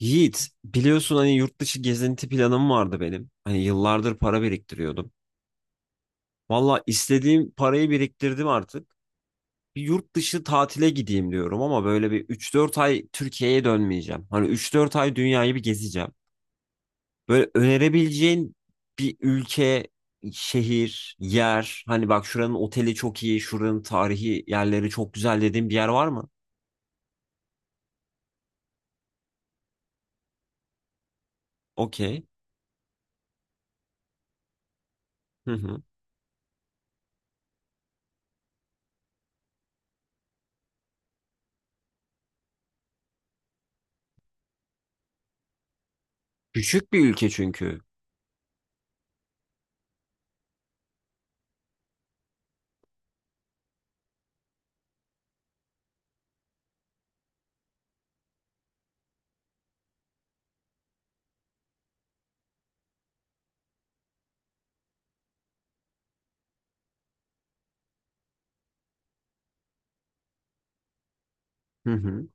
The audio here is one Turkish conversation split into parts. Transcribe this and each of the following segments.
Yiğit, biliyorsun hani yurt dışı gezinti planım vardı benim. Hani yıllardır para biriktiriyordum. Valla istediğim parayı biriktirdim artık. Bir yurt dışı tatile gideyim diyorum ama böyle bir üç dört ay Türkiye'ye dönmeyeceğim. Hani üç dört ay dünyayı bir gezeceğim. Böyle önerebileceğin bir ülke, şehir, yer. Hani bak şuranın oteli çok iyi, şuranın tarihi yerleri çok güzel dediğim bir yer var mı? Okey. Hı hı. Küçük bir ülke çünkü. Hı hı.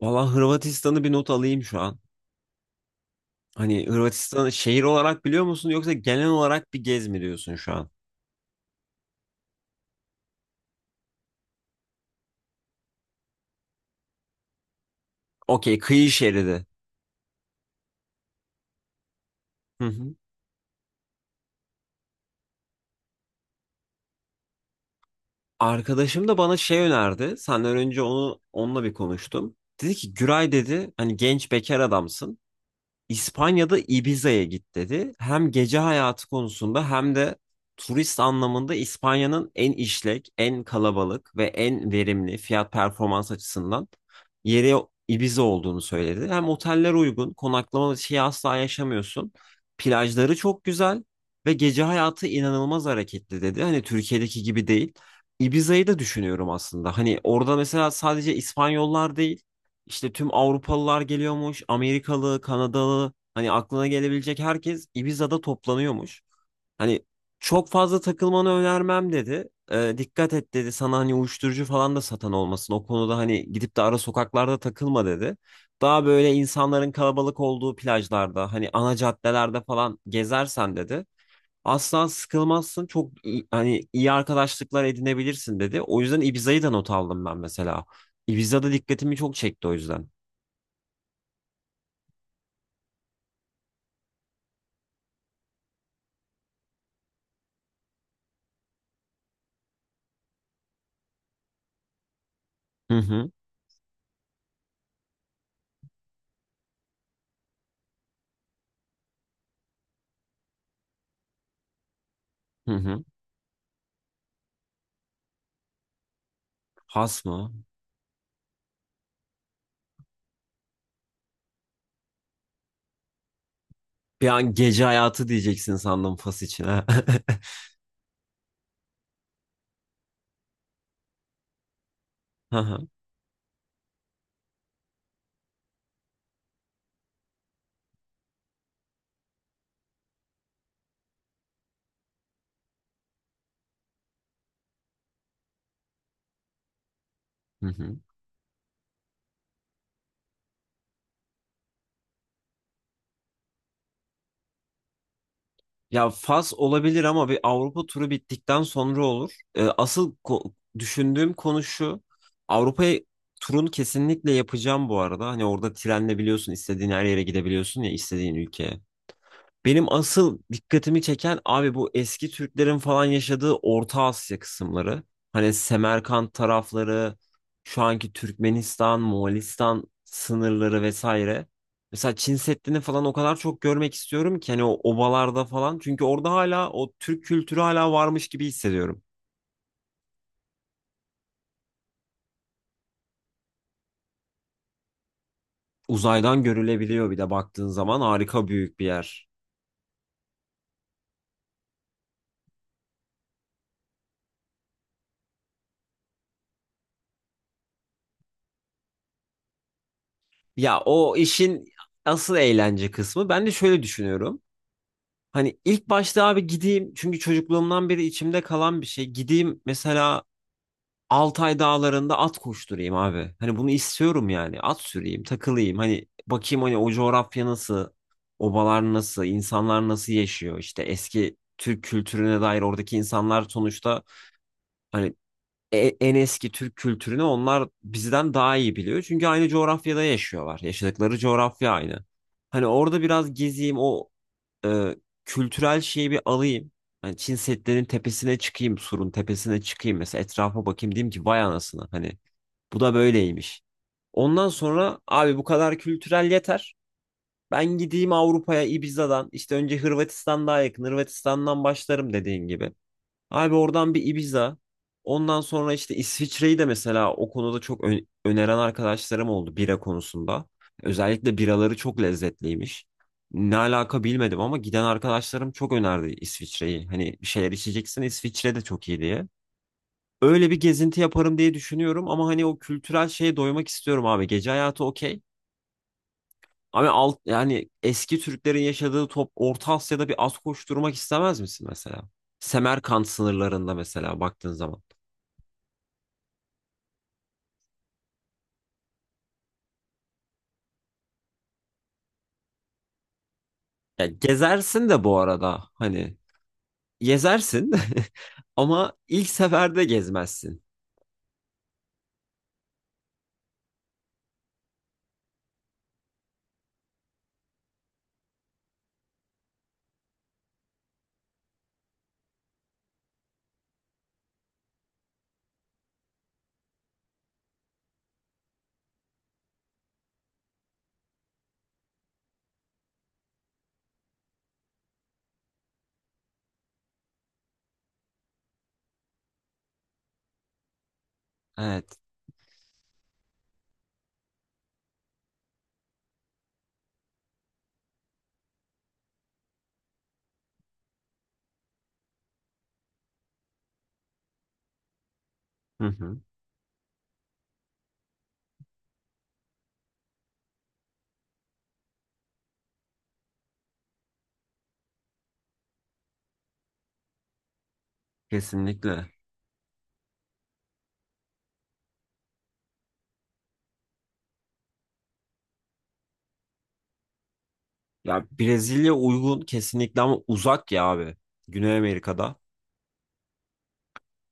Valla Hırvatistan'ı bir not alayım şu an. Hani Hırvatistan'ı şehir olarak biliyor musun yoksa genel olarak bir gez mi diyorsun şu an? Okey, kıyı şeridi. Hı hı. Arkadaşım da bana şey önerdi. Senden önce onunla bir konuştum. Dedi ki Güray dedi hani genç bekar adamsın. İspanya'da Ibiza'ya git dedi. Hem gece hayatı konusunda hem de turist anlamında İspanya'nın en işlek, en kalabalık ve en verimli fiyat performans açısından yeri Ibiza olduğunu söyledi. Hem oteller uygun, konaklama şeyi asla yaşamıyorsun. Plajları çok güzel ve gece hayatı inanılmaz hareketli dedi. Hani Türkiye'deki gibi değil. Ibiza'yı da düşünüyorum aslında. Hani orada mesela sadece İspanyollar değil, işte tüm Avrupalılar geliyormuş, Amerikalı, Kanadalı, hani aklına gelebilecek herkes Ibiza'da toplanıyormuş. Hani çok fazla takılmanı önermem dedi. Dikkat et dedi sana hani uyuşturucu falan da satan olmasın. O konuda hani gidip de ara sokaklarda takılma dedi. Daha böyle insanların kalabalık olduğu plajlarda, hani ana caddelerde falan gezersen dedi. Asla sıkılmazsın. Hani iyi arkadaşlıklar edinebilirsin dedi. O yüzden Ibiza'yı da not aldım ben mesela. Ibiza'da dikkatimi çok çekti o yüzden. Hı hı. Hı hı. Fas mı? Bir an gece hayatı diyeceksin sandım Fas için ha. Hı hı. Hı hı. Ya Fas olabilir ama bir Avrupa turu bittikten sonra olur. Düşündüğüm konu şu. Avrupa turunu kesinlikle yapacağım bu arada. Hani orada trenle biliyorsun istediğin her yere gidebiliyorsun ya istediğin ülkeye. Benim asıl dikkatimi çeken abi bu eski Türklerin falan yaşadığı Orta Asya kısımları. Hani Semerkant tarafları, şu anki Türkmenistan, Moğolistan sınırları vesaire. Mesela Çin Seddi'ni falan o kadar çok görmek istiyorum ki hani o obalarda falan. Çünkü orada hala o Türk kültürü varmış gibi hissediyorum. Uzaydan görülebiliyor bir de baktığın zaman harika büyük bir yer. Ya o işin asıl eğlence kısmı ben de şöyle düşünüyorum. Hani ilk başta abi gideyim çünkü çocukluğumdan beri içimde kalan bir şey. Gideyim mesela Altay dağlarında at koşturayım abi. Hani bunu istiyorum yani. At süreyim, takılayım. Hani bakayım hani o coğrafya nasıl, obalar nasıl, insanlar nasıl yaşıyor. İşte eski Türk kültürüne dair oradaki insanlar sonuçta hani en eski Türk kültürünü onlar bizden daha iyi biliyor. Çünkü aynı coğrafyada yaşıyorlar. Yaşadıkları coğrafya aynı. Hani orada biraz gezeyim o e, kültürel şeyi bir alayım. Hani Çin Seddi'nin tepesine çıkayım, surun tepesine çıkayım mesela etrafa bakayım diyeyim ki vay anasını hani bu da böyleymiş. Ondan sonra abi bu kadar kültürel yeter. Ben gideyim Avrupa'ya Ibiza'dan işte önce Hırvatistan daha yakın Hırvatistan'dan başlarım dediğin gibi. Abi oradan bir Ibiza. Ondan sonra işte İsviçre'yi de mesela o konuda öneren arkadaşlarım oldu bira konusunda. Özellikle biraları çok lezzetliymiş. Ne alaka bilmedim ama giden arkadaşlarım çok önerdi İsviçre'yi. Hani bir şeyler içeceksin İsviçre de çok iyi diye. Öyle bir gezinti yaparım diye düşünüyorum ama hani o kültürel şeye doymak istiyorum abi. Gece hayatı okey. Yani eski Türklerin yaşadığı top Orta Asya'da bir az koşturmak istemez misin mesela? Semerkant sınırlarında mesela baktığın zaman. Ya gezersin de bu arada hani gezersin ama ilk seferde gezmezsin. Evet. Hı hı. Kesinlikle. Ya Brezilya uygun kesinlikle ama uzak ya abi. Güney Amerika'da.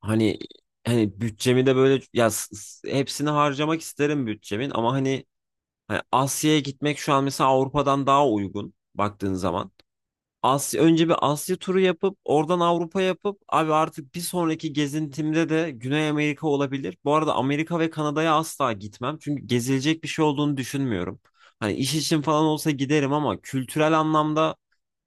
Hani hani bütçemi de böyle hepsini harcamak isterim bütçemin ama hani, hani Asya'ya gitmek şu an mesela Avrupa'dan daha uygun baktığın zaman. Asya, önce bir Asya turu yapıp oradan Avrupa yapıp abi artık bir sonraki gezintimde de Güney Amerika olabilir. Bu arada Amerika ve Kanada'ya asla gitmem. Çünkü gezilecek bir şey olduğunu düşünmüyorum. Hani iş için falan olsa giderim ama kültürel anlamda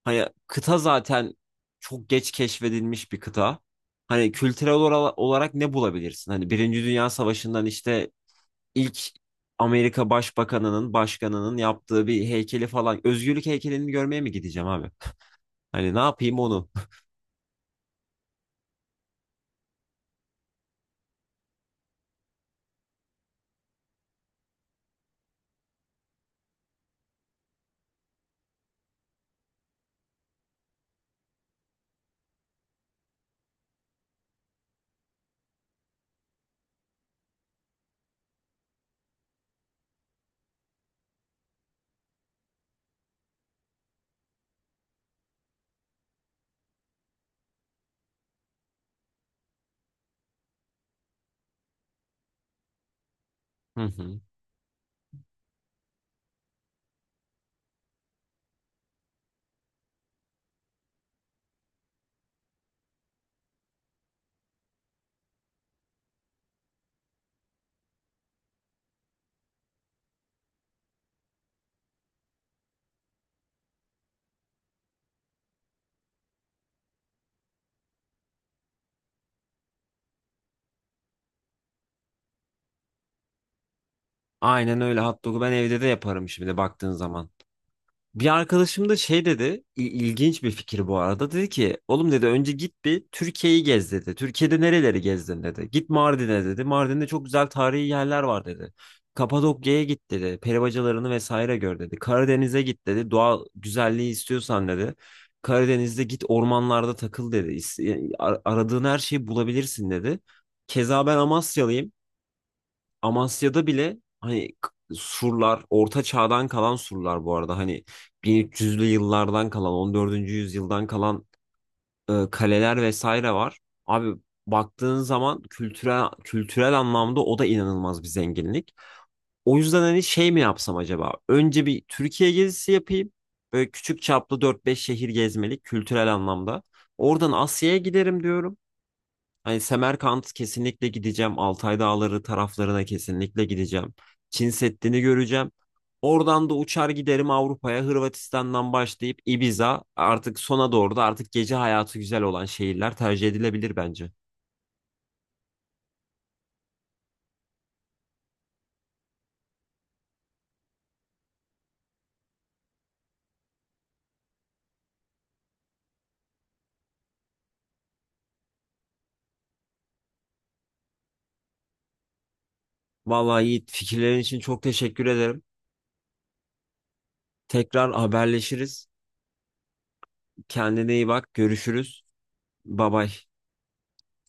hani kıta zaten çok geç keşfedilmiş bir kıta. Hani kültürel olarak ne bulabilirsin? Hani Birinci Dünya Savaşı'ndan işte ilk Amerika Başbakanı'nın, başkanının yaptığı bir heykeli falan. Özgürlük heykelini görmeye mi gideceğim abi? Hani ne yapayım onu? Hı hı. Aynen öyle hot dog'u ben evde de yaparım şimdi baktığın zaman. Bir arkadaşım da şey dedi, ilginç bir fikir bu arada. Dedi ki, oğlum dedi önce git bir Türkiye'yi gez dedi. Türkiye'de nereleri gezdin dedi. Git Mardin'e dedi. Mardin'de çok güzel tarihi yerler var dedi. Kapadokya'ya git dedi. Peri bacalarını vesaire gör dedi. Karadeniz'e git dedi. Doğal güzelliği istiyorsan dedi. Karadeniz'de git ormanlarda takıl dedi. Aradığın her şeyi bulabilirsin dedi. Keza ben Amasyalıyım. Amasya'da bile surlar orta çağdan kalan surlar bu arada hani 1300'lü yıllardan kalan 14. yüzyıldan kalan kaleler vesaire var. Abi baktığın zaman kültürel anlamda o da inanılmaz bir zenginlik. O yüzden hani şey mi yapsam acaba? Önce bir Türkiye gezisi yapayım. Böyle küçük çaplı dört beş şehir gezmelik kültürel anlamda. Oradan Asya'ya giderim diyorum. Hani Semerkant kesinlikle gideceğim. Altay Dağları taraflarına kesinlikle gideceğim. Çin Seddi'ni göreceğim. Oradan da uçar giderim Avrupa'ya. Hırvatistan'dan başlayıp Ibiza artık sona doğru da artık gece hayatı güzel olan şehirler tercih edilebilir bence. Vallahi Yiğit fikirlerin için çok teşekkür ederim. Tekrar haberleşiriz. Kendine iyi bak. Görüşürüz. Bye bye.